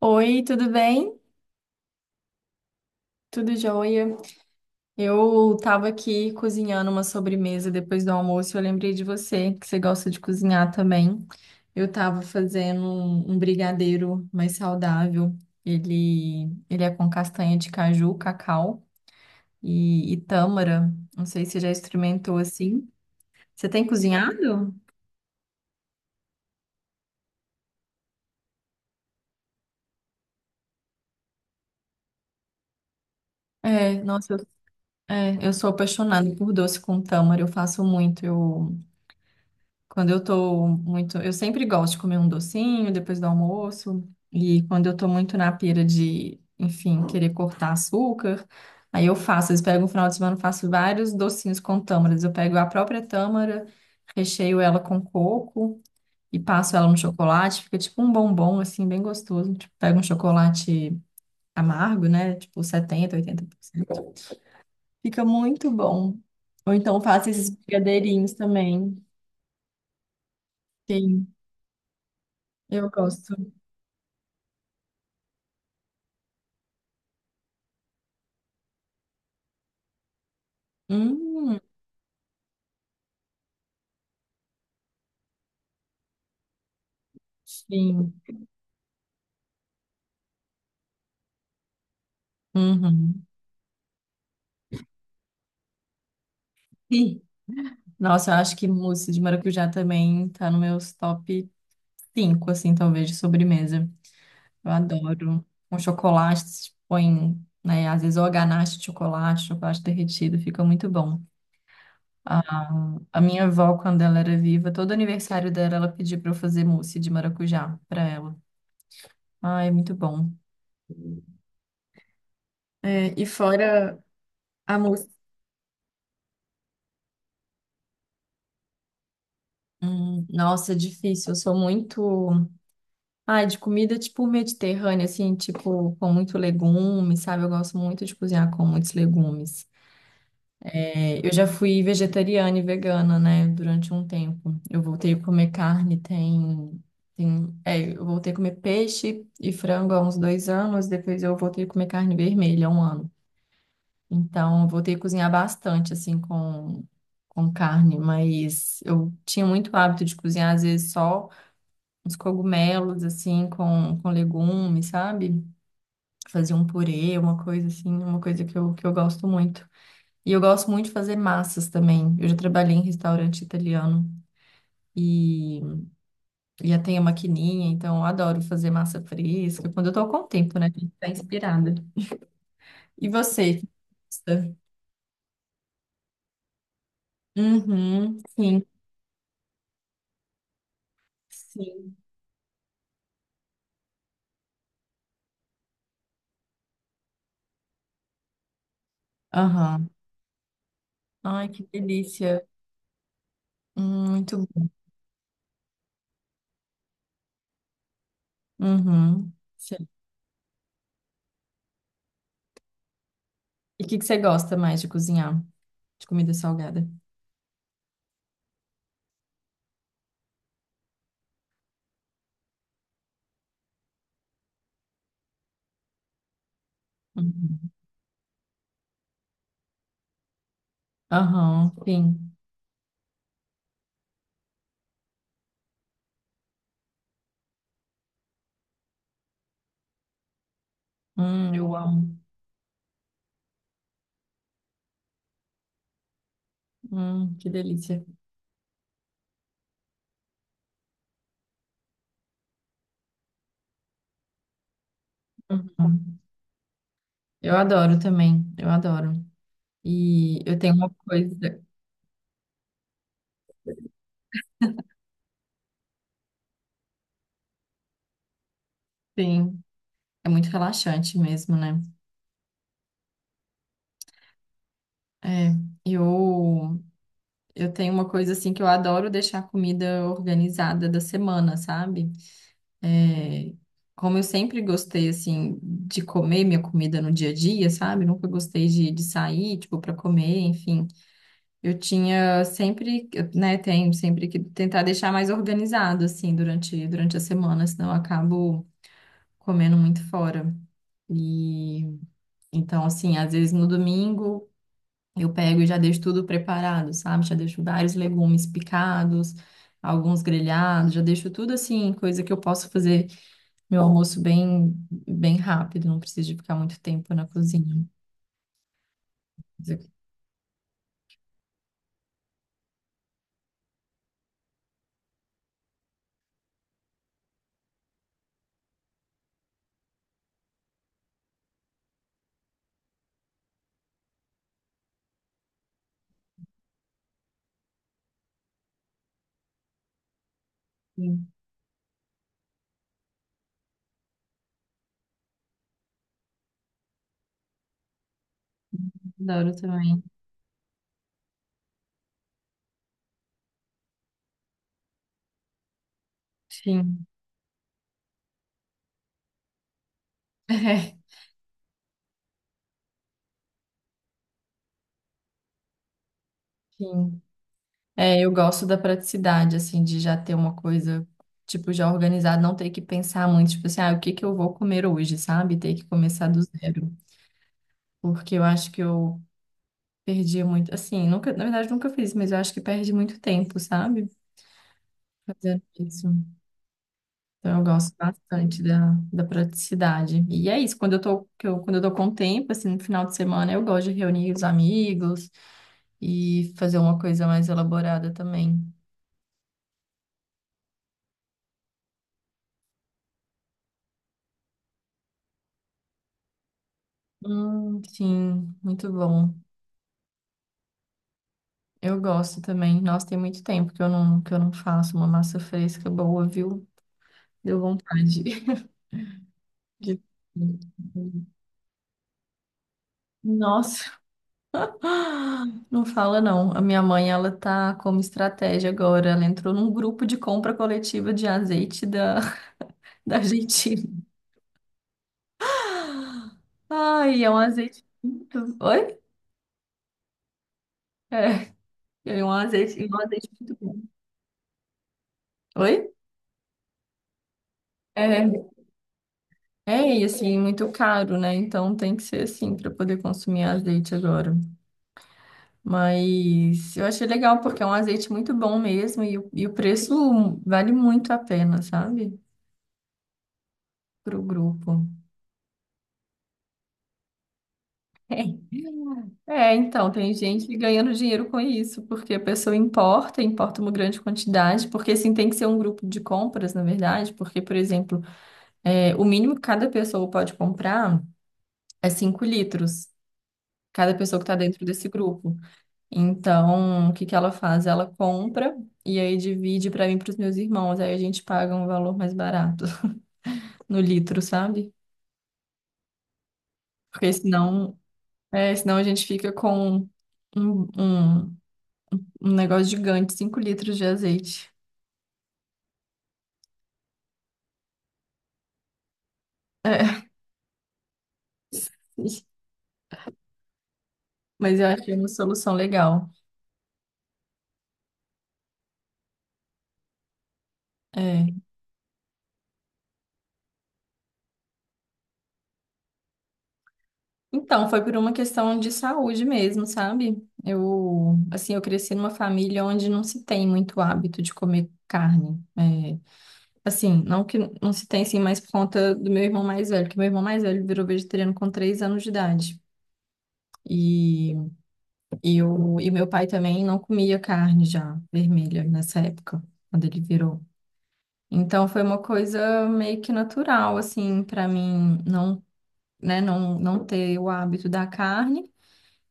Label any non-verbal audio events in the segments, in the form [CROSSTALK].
Oi, tudo bem? Tudo jóia? Eu tava aqui cozinhando uma sobremesa depois do almoço. Eu lembrei de você, que você gosta de cozinhar também. Eu tava fazendo um brigadeiro mais saudável. Ele, ele é com castanha de caju, cacau e tâmara. Não sei se você já experimentou assim. Você tem cozinhado? É, nossa, é, eu sou apaixonada por doce com tâmara. Eu faço muito. Eu Quando eu tô muito. Eu sempre gosto de comer um docinho depois do almoço. E quando eu tô muito na pira de, enfim, querer cortar açúcar, aí eu faço. Eles pegam um final de semana, eu faço vários docinhos com tâmaras. Eu pego a própria tâmara, recheio ela com coco e passo ela no chocolate. Fica tipo um bombom, assim, bem gostoso. Tipo, pego um chocolate amargo, né? Tipo 70 80%. Fica muito bom. Ou então faço esses brigadeirinhos também. Sim, eu gosto. Hum, sim. Uhum. Ih, nossa, eu acho que mousse de maracujá também tá no meus top 5 assim, talvez, de sobremesa. Eu adoro. Com chocolate, se põe, né, às vezes ou a ganache de chocolate, chocolate derretido, fica muito bom. A, a minha avó, quando ela era viva, todo aniversário dela, ela pedia pra eu fazer mousse de maracujá pra ela. Ah, é muito bom. É, e fora a mousse. Nossa, é difícil. Eu sou muito. Ai, de comida tipo mediterrânea, assim, tipo, com muito legume, sabe? Eu gosto muito de cozinhar com muitos legumes. É, eu já fui vegetariana e vegana, né, durante um tempo. Eu voltei a comer carne, é, eu voltei a comer peixe e frango há uns 2 anos, depois eu voltei a comer carne vermelha há 1 ano. Então, eu voltei a cozinhar bastante, assim, com carne, mas eu tinha muito hábito de cozinhar, às vezes, só uns cogumelos, assim, com legumes, sabe? Fazer um purê, uma coisa assim, uma coisa que eu gosto muito. E eu gosto muito de fazer massas também. Eu já trabalhei em restaurante italiano e e já tenho a maquininha, então eu adoro fazer massa fresca, quando eu tô com tempo, né? Tem que estar inspirada. E você? Que gosta? Uhum, sim, sim. Aham. Ai, que delícia. Muito bom. Uhum. Sim. E o que que você gosta mais de cozinhar? De comida salgada? Uhum. Aham, sim. Eu amo. Que delícia. Uhum. Eu adoro também, eu adoro. E eu tenho uma coisa, sim, é muito relaxante mesmo, né? É, eu, eu tenho uma coisa assim que eu adoro deixar a comida organizada da semana, sabe? É, como eu sempre gostei, assim, de comer minha comida no dia a dia, sabe? Nunca gostei de sair, tipo, para comer, enfim. Eu tinha sempre, né, tenho sempre que tentar deixar mais organizado, assim, durante a semana, senão eu acabo comendo muito fora. E então, assim, às vezes no domingo eu pego e já deixo tudo preparado, sabe? Já deixo vários legumes picados, alguns grelhados, já deixo tudo assim, coisa que eu posso fazer meu almoço bem rápido, não preciso de ficar muito tempo na cozinha. Mas eu- Sim, adoro também. Sim. [LAUGHS] É, sim. É, eu gosto da praticidade, assim, de já ter uma coisa, tipo, já organizada, não ter que pensar muito, tipo assim, ah, o que que eu vou comer hoje, sabe? Ter que começar do zero. Porque eu acho que eu perdi muito, assim, nunca, na verdade, nunca fiz, mas eu acho que perde muito tempo, sabe? Fazendo isso. Então eu gosto bastante da praticidade. E é isso, quando eu tô com tempo, assim, no final de semana, eu gosto de reunir os amigos e fazer uma coisa mais elaborada também. Sim, muito bom. Eu gosto também. Nossa, tem muito tempo que eu não faço uma massa fresca boa, viu? Deu vontade. [LAUGHS] de- Nossa, [GASPS] não fala não. A minha mãe, ela tá como estratégia agora. Ela entrou num grupo de compra coletiva de azeite [LAUGHS] da Argentina. Ai, é um azeite muito... Oi? É, é um azeite muito bom. Oi? É, e assim, muito caro, né? Então tem que ser assim para poder consumir azeite agora. Mas eu achei legal porque é um azeite muito bom mesmo e o preço vale muito a pena, sabe? Pro grupo. [LAUGHS] É, então, tem gente ganhando dinheiro com isso, porque a pessoa importa uma grande quantidade, porque assim tem que ser um grupo de compras, na verdade, porque, por exemplo, é, o mínimo que cada pessoa pode comprar é 5 litros, cada pessoa que está dentro desse grupo. Então, o que que ela faz? Ela compra e aí divide para mim e para os meus irmãos. Aí a gente paga um valor mais barato [LAUGHS] no litro, sabe? Porque senão a gente fica com um, um, um negócio gigante, 5 litros de azeite. [LAUGHS] Mas eu achei uma solução legal. É. Então, foi por uma questão de saúde mesmo, sabe? Eu, assim, eu cresci numa família onde não se tem muito hábito de comer carne. É, assim, não que não se tem assim mais por conta do meu irmão mais velho, que meu irmão mais velho virou vegetariano com 3 anos de idade. E, e meu pai também não comia carne já vermelha nessa época, quando ele virou. Então foi uma coisa meio que natural, assim, para mim né, não ter o hábito da carne.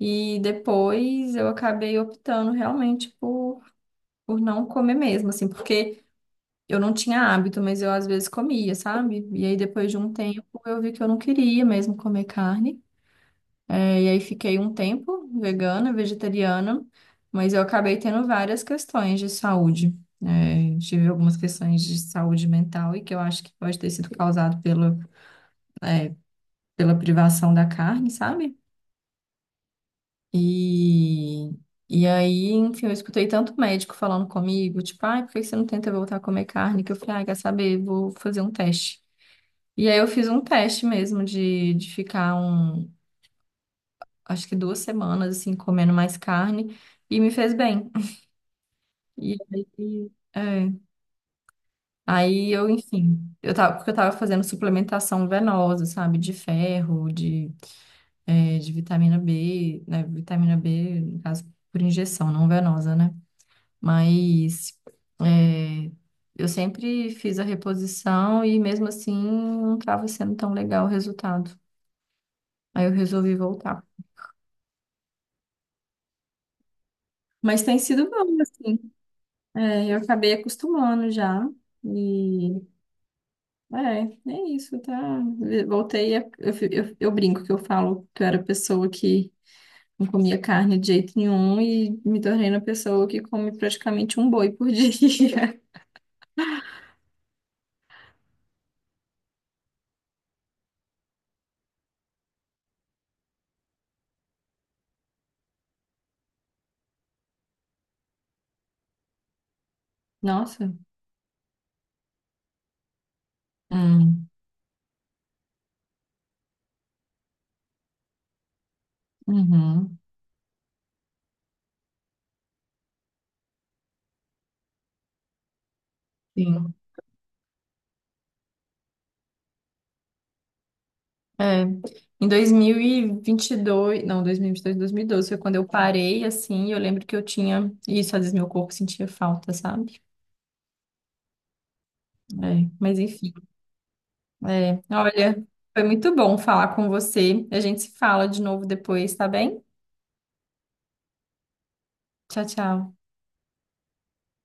E depois eu acabei optando realmente por não comer mesmo, assim, porque. Eu não tinha hábito, mas eu às vezes comia, sabe? E aí depois de um tempo eu vi que eu não queria mesmo comer carne. É, e aí fiquei um tempo vegana, vegetariana, mas eu acabei tendo várias questões de saúde. É, tive algumas questões de saúde mental e que eu acho que pode ter sido causado é, pela privação da carne, sabe? E, enfim, eu escutei tanto médico falando comigo, tipo, ai, por que que você não tenta voltar a comer carne? Que eu falei, ai, quer saber, vou fazer um teste. E aí eu fiz um teste mesmo de ficar um, acho que 2 semanas assim, comendo mais carne e me fez bem. E aí, é, aí eu, enfim, eu tava, porque eu tava fazendo suplementação venosa, sabe, de ferro, de vitamina B, né, vitamina B, no caso, por injeção, não venosa, né? Mas é, eu sempre fiz a reposição e mesmo assim não tava sendo tão legal o resultado. Aí eu resolvi voltar. Mas tem sido bom, assim. É, eu acabei acostumando já. E é isso, tá? Voltei a, eu, fi- eu brinco que eu falo que eu era pessoa que não comia carne de jeito nenhum e me tornei uma pessoa que come praticamente um boi por dia. [LAUGHS] Nossa. Hum, Uhum. Sim. É, em 2022, não, 2022, 2012 foi quando eu parei, assim, e eu lembro que eu tinha isso, às vezes meu corpo sentia falta, sabe? É, mas enfim. É, olha, foi muito bom falar com você. A gente se fala de novo depois, tá bem? Tchau, tchau.